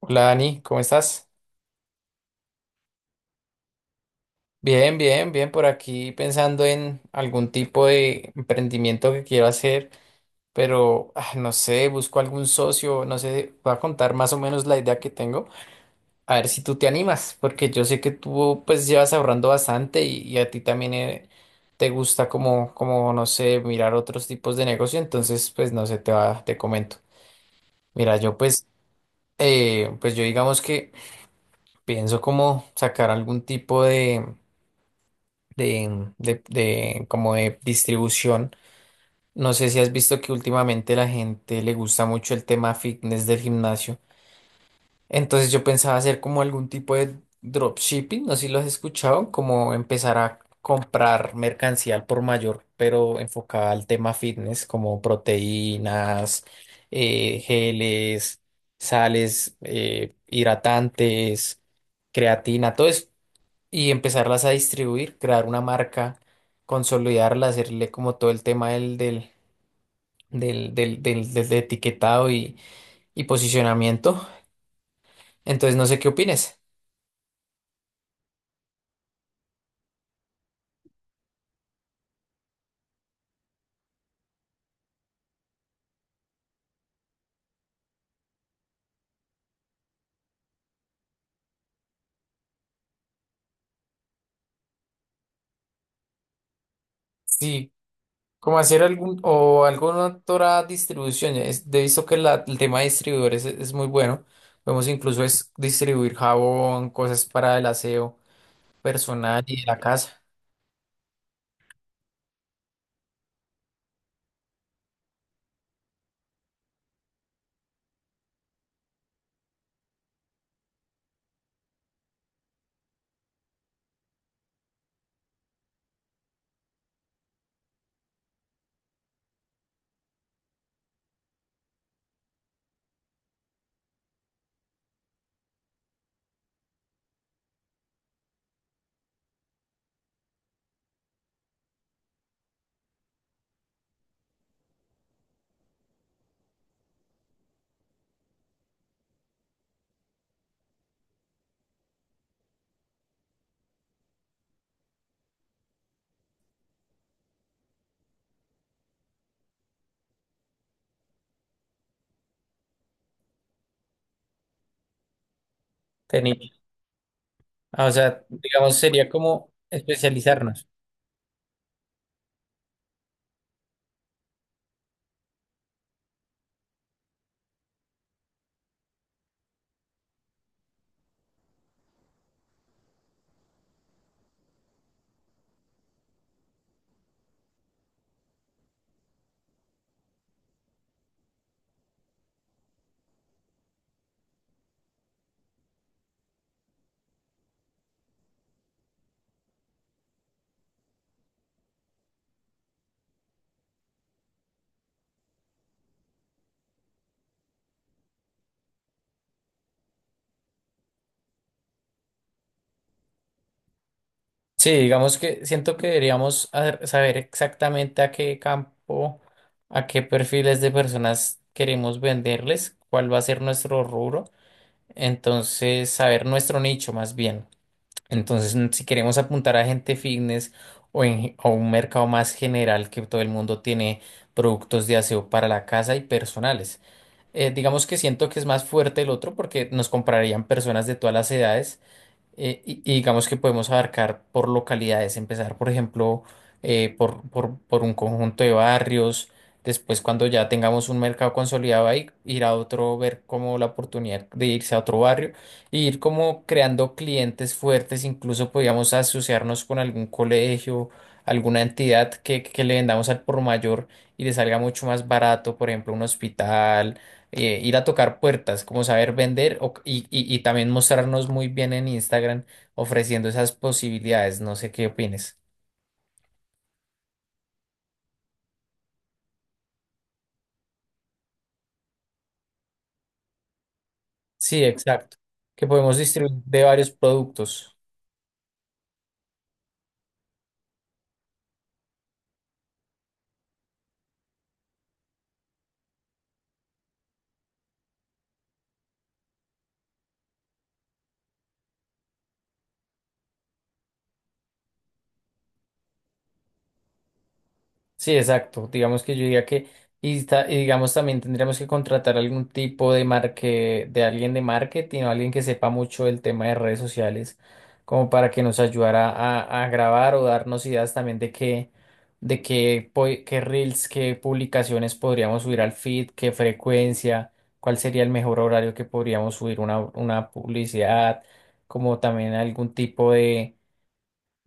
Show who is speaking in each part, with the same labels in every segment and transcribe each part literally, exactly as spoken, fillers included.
Speaker 1: Hola Dani, ¿cómo estás? Bien, bien, bien, por aquí pensando en algún tipo de emprendimiento que quiero hacer, pero ah, no sé, busco algún socio, no sé, voy a contar más o menos la idea que tengo, a ver si tú te animas, porque yo sé que tú pues llevas ahorrando bastante y, y a ti también eh, te gusta como, como, no sé, mirar otros tipos de negocio, entonces pues no sé, te va, te comento. Mira, yo pues, eh, pues yo digamos que pienso como sacar algún tipo de de, de- de- como de distribución. No sé si has visto que últimamente la gente le gusta mucho el tema fitness del gimnasio. Entonces yo pensaba hacer como algún tipo de dropshipping, no sé si lo has escuchado, como empezar a comprar mercancía al por mayor, pero enfocada al tema fitness, como proteínas, eh, geles, sales, eh, hidratantes, creatina, todo eso y empezarlas a distribuir, crear una marca, consolidarla, hacerle como todo el tema del, del, del, del, del- del etiquetado y, y posicionamiento. Entonces, no sé qué opines. Sí, como hacer algún o alguna otra distribución. Es, he visto que la- el tema de distribuidores es, es muy bueno. Podemos incluso es distribuir jabón, cosas para el aseo personal y de la casa. Teni- ah, O sea, digamos, sería como especializarnos. Sí, digamos que siento que deberíamos hacer- saber exactamente a qué campo, a qué perfiles de personas queremos venderles, cuál va a ser nuestro rubro, entonces saber nuestro nicho más bien. Entonces, mm, si queremos apuntar a gente fitness o en- o un mercado más general que todo el mundo tiene productos de aseo para la casa y personales. Eh, digamos que siento que es más fuerte el otro porque nos comprarían personas de todas las edades eh, y, y digamos que podemos abarcar por localidades, empezar, por ejemplo, eh, por, por, por un conjunto de barrios, después cuando ya tengamos un mercado consolidado ahí, ir a otro, ver como la oportunidad de irse a otro barrio, e ir como creando clientes fuertes, incluso podríamos asociarnos con algún colegio, alguna entidad que, que le vendamos al por mayor y le salga mucho más barato, por ejemplo, un hospital, eh, ir a tocar puertas, como saber vender o- y, y- y también mostrarnos muy bien en Instagram ofreciendo esas posibilidades. No sé qué opines. Sí, exacto. Que podemos distribuir de varios productos. Sí, exacto. Digamos que yo diría que, y, ta- y digamos también tendríamos que contratar algún tipo de marque, de alguien de marketing o alguien que sepa mucho del tema de redes sociales, como para que nos ayudara a, a grabar o darnos ideas también de qué, de qué, po- qué reels, qué publicaciones podríamos subir al feed, qué frecuencia, cuál sería el mejor horario que podríamos subir una, una publicidad, como también algún tipo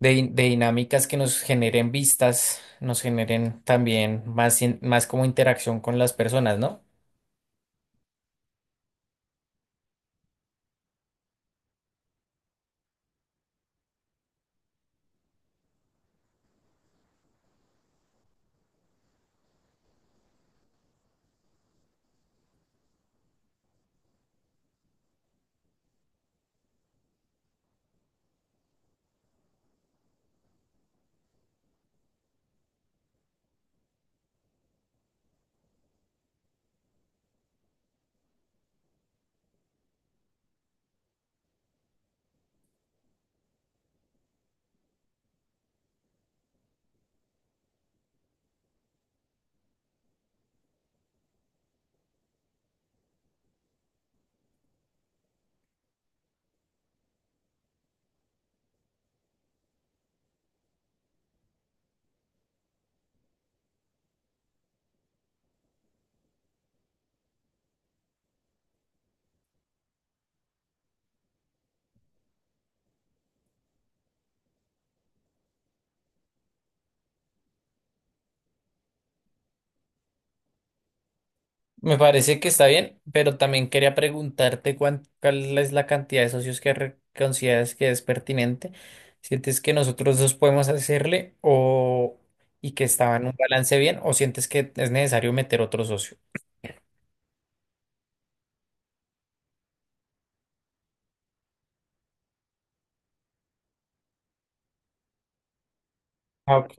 Speaker 1: de, din- de dinámicas que nos generen vistas, nos generen también más, in- más como interacción con las personas, ¿no? Me parece que está bien, pero también quería preguntarte cuán- cuál es la cantidad de socios que re- consideras que es pertinente. ¿Sientes que nosotros dos podemos hacerle o y que estaba en un balance bien o sientes que es necesario meter otro socio? Ah, ok.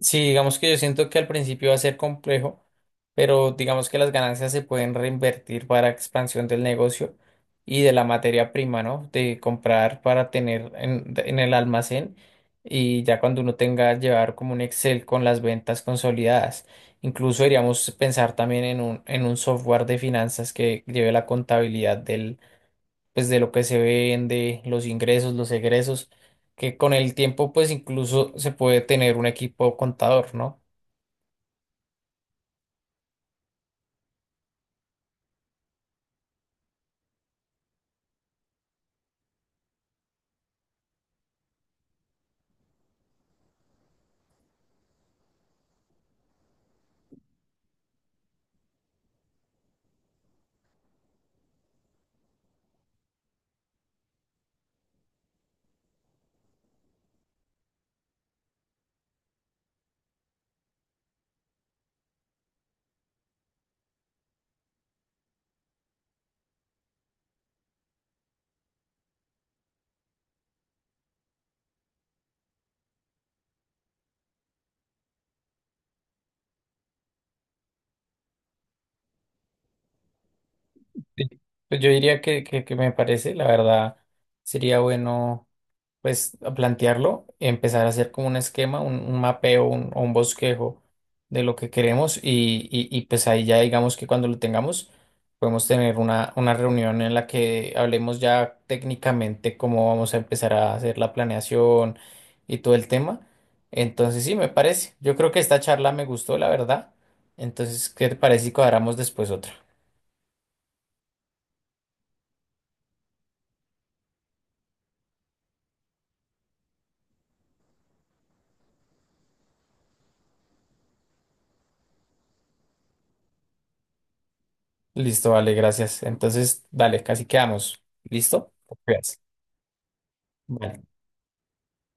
Speaker 1: Sí, digamos que yo siento que al principio va a ser complejo, pero digamos que las ganancias se pueden reinvertir para expansión del negocio y de la materia prima, ¿no? De comprar para tener en, en el almacén y ya cuando uno tenga llevar como un Excel con las ventas consolidadas. Incluso deberíamos pensar también en un, en un software de finanzas que lleve la contabilidad pues de lo que se vende, los ingresos, los egresos, que con el tiempo pues incluso se puede tener un equipo contador, ¿no? Sí. Pues yo diría que, que, que me parece, la verdad, sería bueno pues a plantearlo, empezar a hacer como un esquema, un, un mapeo, un, o un bosquejo de lo que queremos y, y, y, pues ahí ya digamos que cuando lo tengamos podemos tener una, una reunión en la que hablemos ya técnicamente cómo vamos a empezar a hacer la planeación y todo el tema. Entonces sí, me parece. Yo creo que esta charla me gustó, la verdad. Entonces, ¿qué te parece si cuadramos después otra? Listo, vale, gracias. Entonces, dale, casi quedamos. ¿Listo? Gracias. Vale.